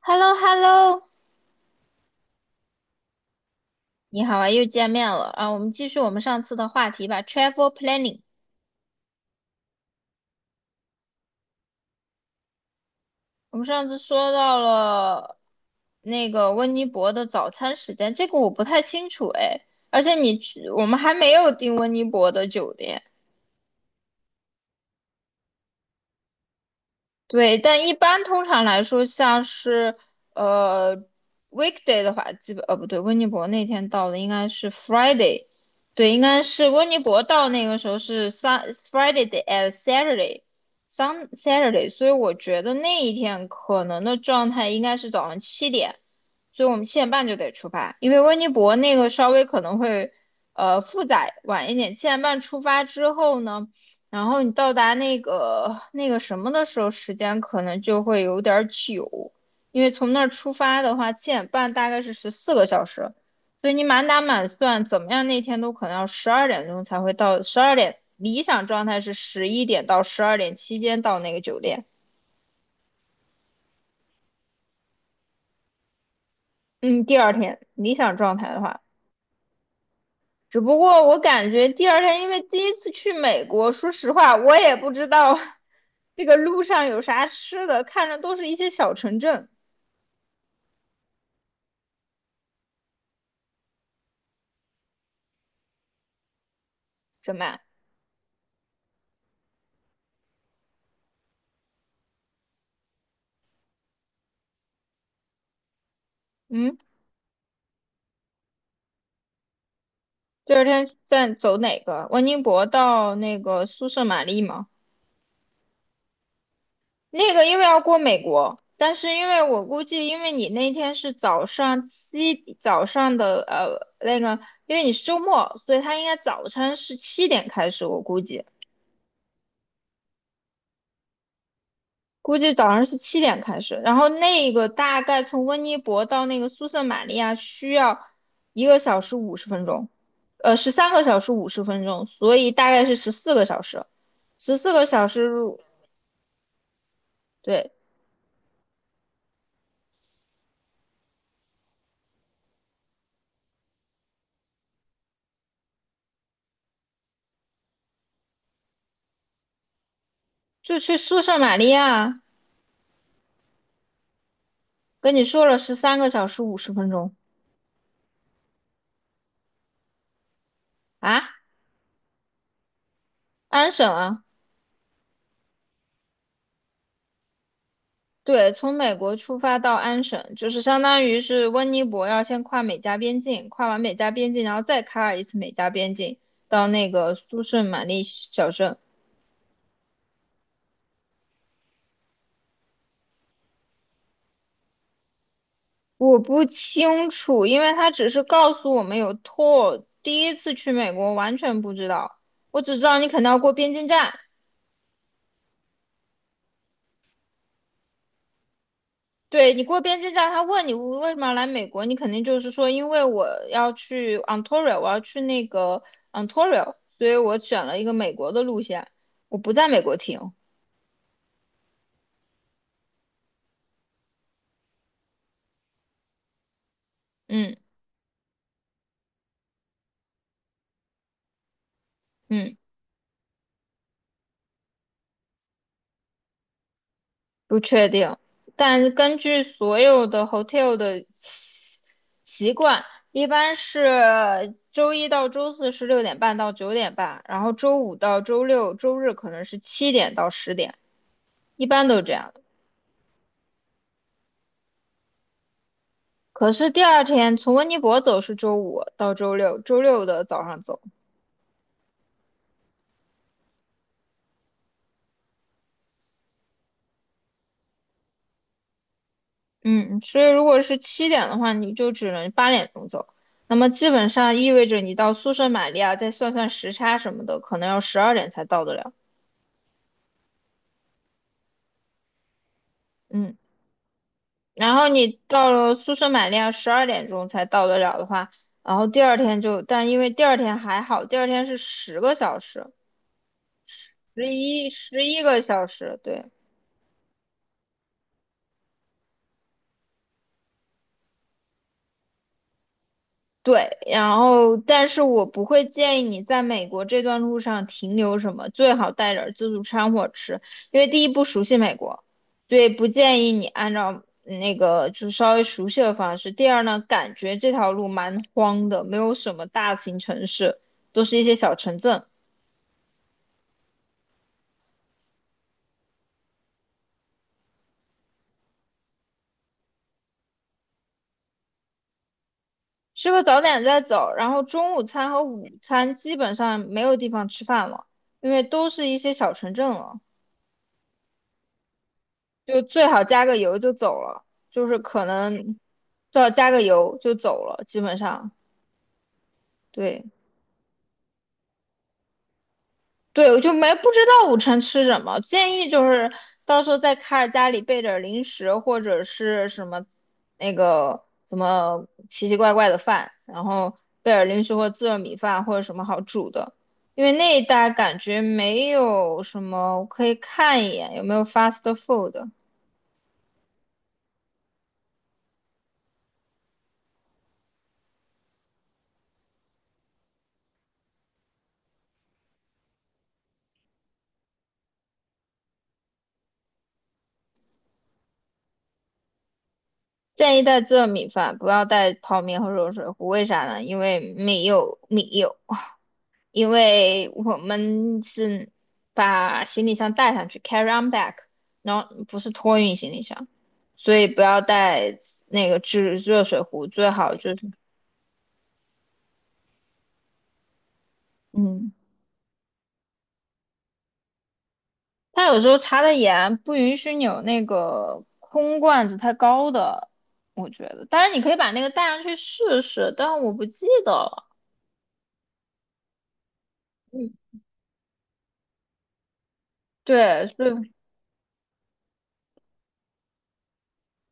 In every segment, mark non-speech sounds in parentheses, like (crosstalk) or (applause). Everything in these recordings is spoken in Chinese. h e l l o Hello 你好啊，又见面了啊！我们继续我们上次的话题吧，travel planning。我们上次说到了那个温尼伯的早餐时间，这个我不太清楚哎，而且你去我们还没有订温尼伯的酒店。对，但一般通常来说，像是呃 weekday 的话，基本不对，温尼伯那天到的应该是 Friday。对，应该是温尼伯到那个时候是 sun Friday d a d Saturday sun Saturday，所以我觉得那一天可能的状态应该是早上七点，所以我们七点半就得出发，因为温尼伯那个稍微可能会复杂晚一点，七点半出发之后呢。然后你到达那个什么的时候，时间可能就会有点儿久，因为从那儿出发的话，七点半大概是十四个小时，所以你满打满算，怎么样那天都可能要十二点钟才会到，十二点理想状态是11点到十二点期间到那个酒店。嗯，第二天理想状态的话，只不过我感觉第二天，因为第一次去美国，说实话，我也不知道 (laughs) 这个路上有啥吃的，看着都是一些小城镇，什么。嗯，第二天再走哪个？温尼伯到那个苏舍玛丽吗？那个因为要过美国，但是因为我估计，因为你那天是早上的那个，因为你是周末，所以他应该早餐是七点开始，我估计。估计早上是七点开始，然后那个大概从温尼伯到那个苏圣玛利亚需要1个小时50分钟，十三个小时五十分钟，所以大概是十四个小时，十四个小时。对，就去苏圣玛利亚，跟你说了十三个小时五十分钟啊，安省啊。对，从美国出发到安省，就是相当于是温尼伯要先跨美加边境，跨完美加边境，然后再开一次美加边境，到那个苏圣玛丽小镇。我不清楚，因为他只是告诉我们有 tour，第一次去美国完全不知道，我只知道你肯定要过边境站，对，你过边境站，他问你为什么要来美国，你肯定就是说，因为我要去 Ontario，我要去那个 Ontario，所以我选了一个美国的路线，我不在美国停。嗯嗯，不确定，但根据所有的 hotel 的习惯，一般是周一到周四是6点半到9点半，然后周五到周六、周日可能是七点到10点，一般都是这样。可是第二天从温尼伯走是周五到周六，周六的早上走。嗯，所以如果是七点的话，你就只能8点钟走，那么基本上意味着你到宿舍玛利亚，再算算时差什么的，可能要十二点才到得了。嗯，然后你到了宿舍玛利亚十二点钟才到得了的话，然后第二天就，但因为第二天还好，第二天是10个小时，十一个小时，对，对。然后但是我不会建议你在美国这段路上停留什么，最好带点儿自助餐或者吃，因为第一不熟悉美国，所以不建议你按照那个就稍微熟悉的方式。第二呢，感觉这条路蛮荒的，没有什么大型城市，都是一些小城镇。吃个早点再走，然后中午餐和午餐基本上没有地方吃饭了，因为都是一些小城镇了。就最好加个油就走了，就是可能最好加个油就走了，基本上。对对，我就没不知道午餐吃什么，建议就是到时候在卡尔家里备点儿零食或者是什么那个什么奇奇怪怪的饭，然后备点儿零食或自热米饭或者什么好煮的，因为那一带感觉没有什么，我可以看一眼有没有 fast food。建议带自热米饭，不要带泡面和热水壶。为啥呢？因为没有米有，(laughs) 因为我们是把行李箱带上去，carry on back，然后不是托运行李箱，所以不要带那个制热水壶，最好就是，嗯，他有时候查的严，不允许你有那个空罐子太高的，我觉得。当然你可以把那个带上去试试，但我不记得了。嗯，对，所以。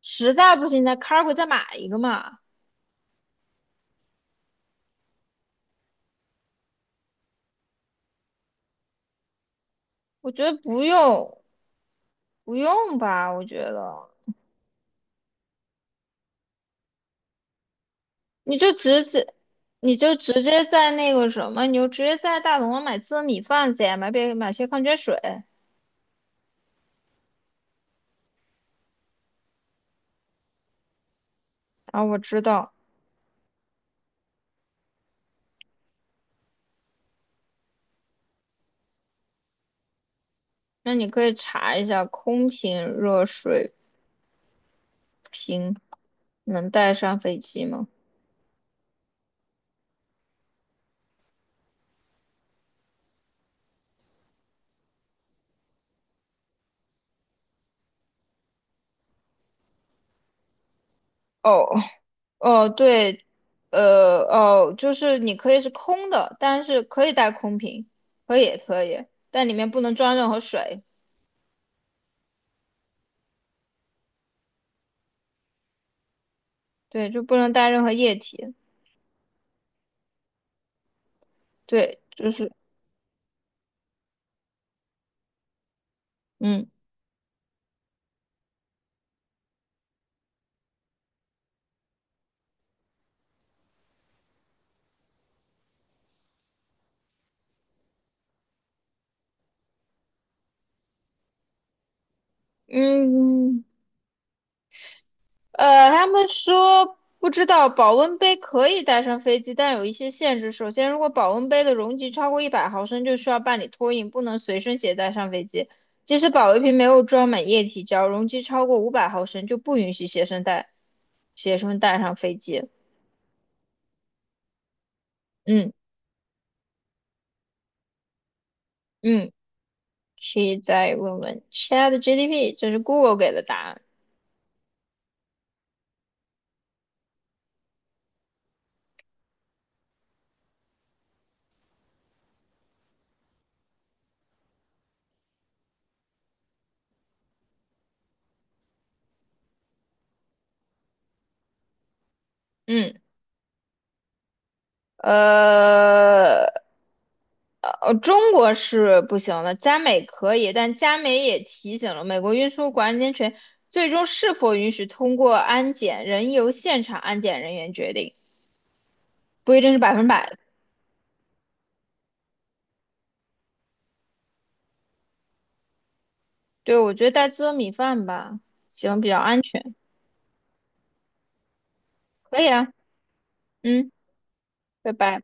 实在不行在 Cargo 再买一个嘛。我觉得不用，不用吧。我觉得你就直接，你就直接在那个什么，你就直接在大董买自热米饭去，买些矿泉水。啊，我知道，那你可以查一下空瓶热水瓶能带上飞机吗？哦哦，对，哦，就是你可以是空的，但是可以带空瓶，可以可以，但里面不能装任何水。对，就不能带任何液体。对，就是嗯嗯他们说不知道保温杯可以带上飞机，但有一些限制。首先，如果保温杯的容积超过100毫升，就需要办理托运，不能随身携带上飞机。即使保温瓶没有装满液体，只要容积超过500毫升，就不允许学生带上飞机。嗯嗯，可以再问问 c h a t g p 这是 Google 给的答案。嗯，呃。中国是不行的，加美可以，但加美也提醒了美国运输管理安权最终是否允许通过安检，仍由现场安检人员决定，不一定是100%。对，我觉得带自热米饭吧，行，比较安全，可以啊，嗯，拜拜。